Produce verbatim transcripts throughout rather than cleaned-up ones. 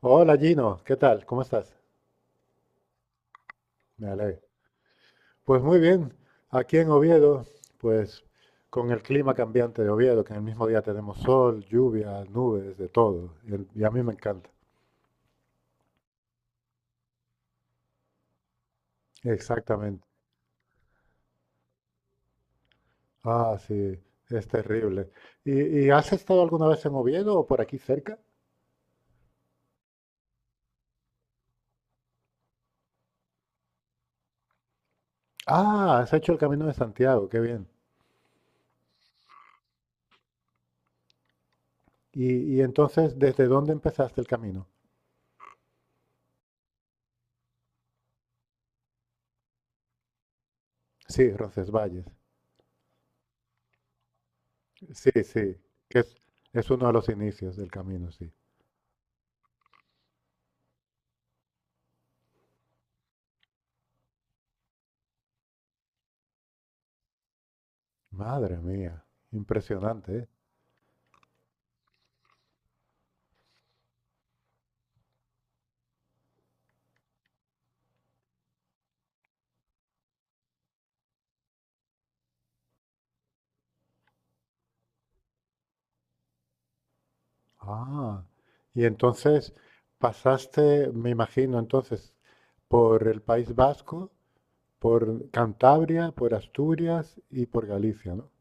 Hola Gino, ¿qué tal? ¿Cómo estás? Me alegro. Pues muy bien, aquí en Oviedo, pues con el clima cambiante de Oviedo, que en el mismo día tenemos sol, lluvia, nubes, de todo. Y, el- y a mí me encanta. Exactamente. Ah, sí, es terrible. ¿Y, y has estado alguna vez en Oviedo o por aquí cerca? Ah, has hecho el Camino de Santiago, qué bien. Y, y entonces, ¿desde dónde empezaste el camino? Sí, Roncesvalles. Sí, sí, que es, es uno de los inicios del camino, sí. Madre mía, impresionante, ¿eh? Ah, y entonces pasaste, me imagino, entonces, por el País Vasco, por Cantabria, por Asturias y por Galicia, ¿no?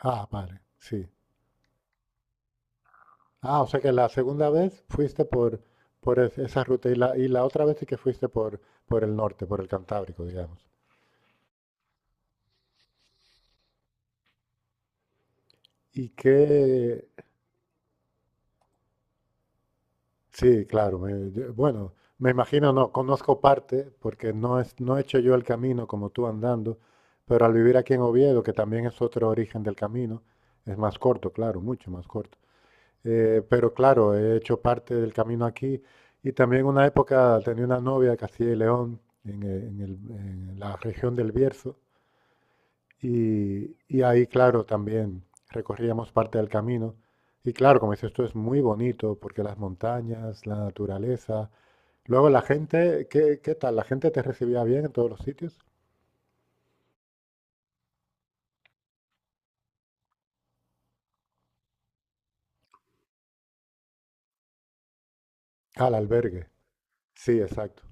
Ah, vale, sí. Ah, o sea que la segunda vez fuiste por, por es- esa ruta y la, y la otra vez sí que fuiste por, por el norte, por el Cantábrico, digamos. ¿Y qué, sí, claro. Me- yo- bueno, me imagino, no, conozco parte, porque no, es, no he hecho yo el camino como tú andando, pero al vivir aquí en Oviedo, que también es otro origen del camino, es más corto, claro, mucho más corto. Eh, pero claro, he hecho parte del camino aquí y también una época tenía una novia de Castilla y León, en, el- en el- en la región del Bierzo, y, y ahí, claro, también recorríamos parte del camino. Y claro, como dices, esto es muy bonito porque las montañas, la naturaleza, luego la gente, ¿qué, qué tal? ¿La gente te recibía bien en todos los sitios? Al albergue. Sí, exacto.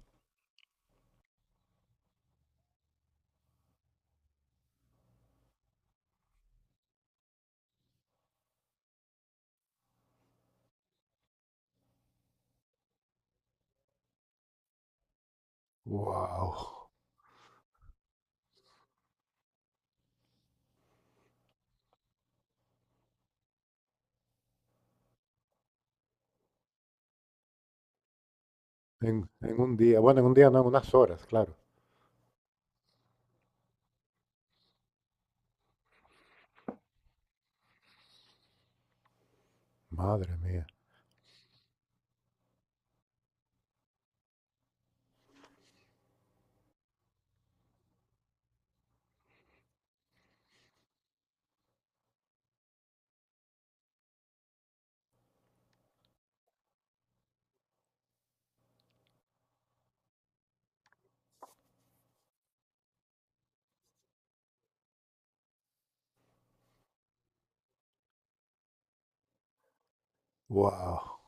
Wow. En, en un día, bueno, en un día no, en unas horas, claro. Madre mía. Wow.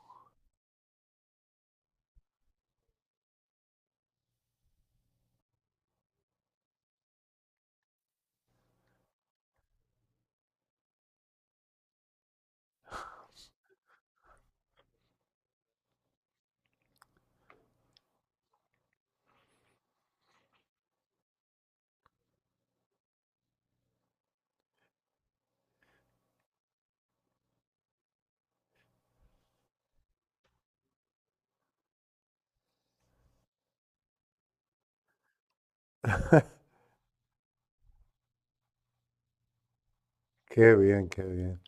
Qué bien, qué bien.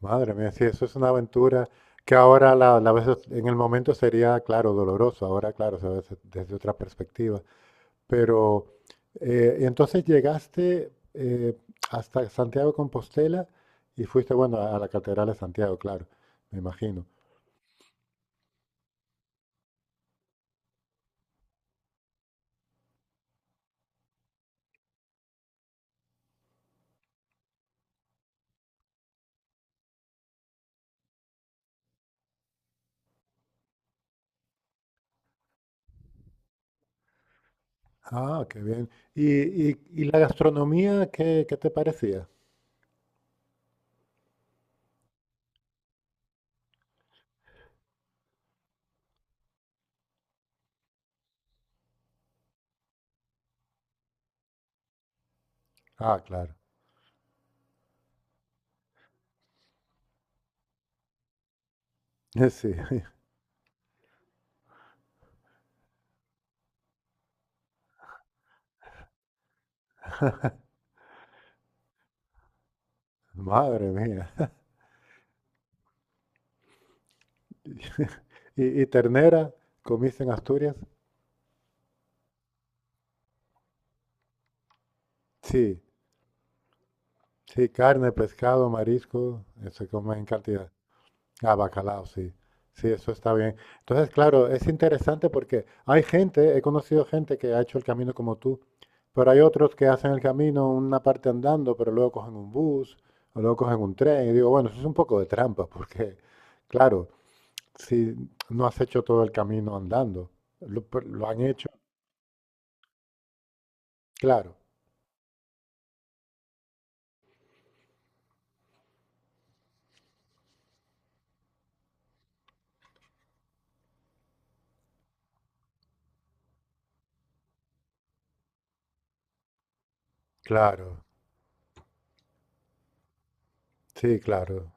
Madre mía, sí, eso es una aventura que ahora la, la ves en el momento sería, claro, doloroso. Ahora, claro, se ve desde desde otra perspectiva. Pero, eh, y entonces llegaste, eh, hasta Santiago de Compostela y fuiste, bueno, a, a la Catedral de Santiago, claro, me imagino. Ah, qué bien. ¿Y, y- y la gastronomía, qué, qué te parecía? Ah, claro. Sí, madre mía. ¿Y, y ternera comiste en Asturias? Sí, sí, carne, pescado, marisco, eh, se come en cantidad. Ah, bacalao, sí. Sí, eso está bien. Entonces, claro, es interesante porque hay gente, he conocido gente que ha hecho el camino como tú, pero hay otros que hacen el camino una parte andando, pero luego cogen un bus o luego cogen un tren. Y digo, bueno, eso es un poco de trampa porque, claro, si no has hecho todo el camino andando, lo, pero lo han hecho, claro, claro, sí, claro.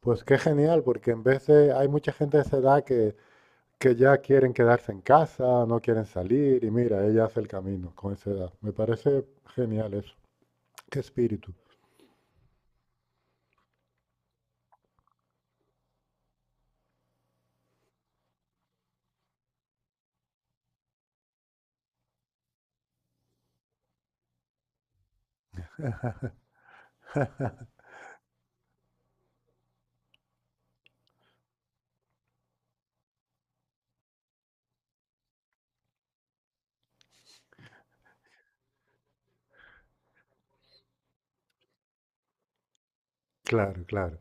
Pues qué genial, porque en vez de, hay mucha gente de esa edad que que ya quieren quedarse en casa, no quieren salir y mira, ella hace el camino con esa edad. Me parece genial eso. Qué espíritu. Claro, claro.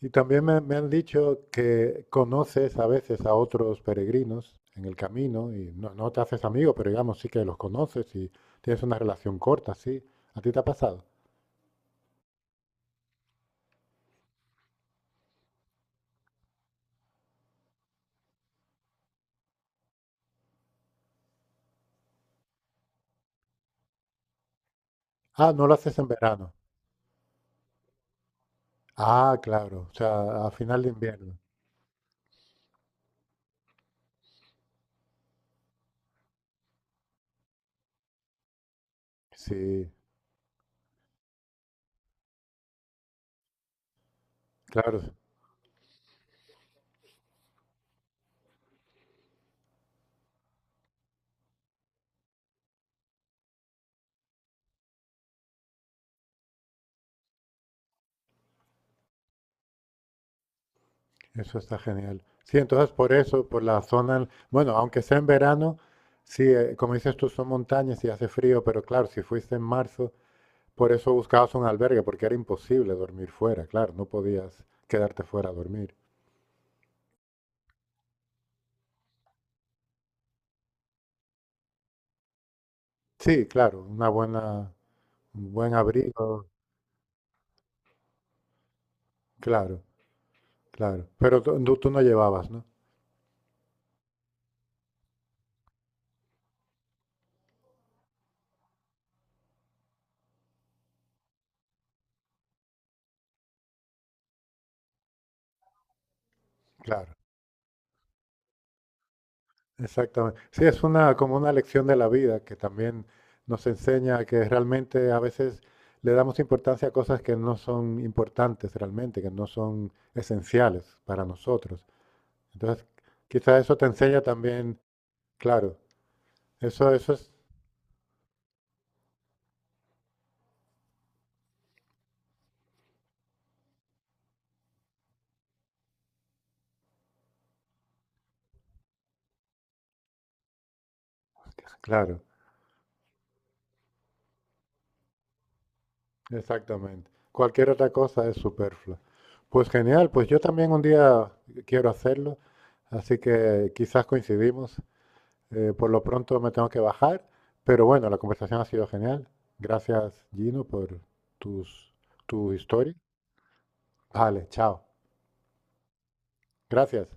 Y también me, me han dicho que conoces a veces a otros peregrinos en el camino y no, no te haces amigo, pero digamos sí que los conoces y tienes una relación corta, sí. ¿A ti te ha pasado? Ah, no lo haces en verano. Ah, claro, o sea, a final de invierno. Sí, claro. Eso está genial. Sí, entonces por eso, por la zona, bueno, aunque sea en verano, sí, eh, como dices tú, son montañas y hace frío, pero claro, si fuiste en marzo, por eso buscabas un albergue, porque era imposible dormir fuera, claro, no podías quedarte fuera a dormir. Sí, claro, una buena, un buen abrigo, claro, claro. Pero tú, tú no llevabas, ¿no? Claro. Exactamente. Sí, es una como una lección de la vida que también nos enseña que realmente a veces le damos importancia a cosas que no son importantes realmente, que no son esenciales para nosotros. Entonces, quizá eso te enseña también, claro, eso, eso es, claro, exactamente. Cualquier otra cosa es superflua. Pues genial, pues yo también un día quiero hacerlo, así que quizás coincidimos. Eh, por lo pronto me tengo que bajar, pero bueno, la conversación ha sido genial. Gracias, Gino, por tus, tu historia. Vale, chao. Gracias.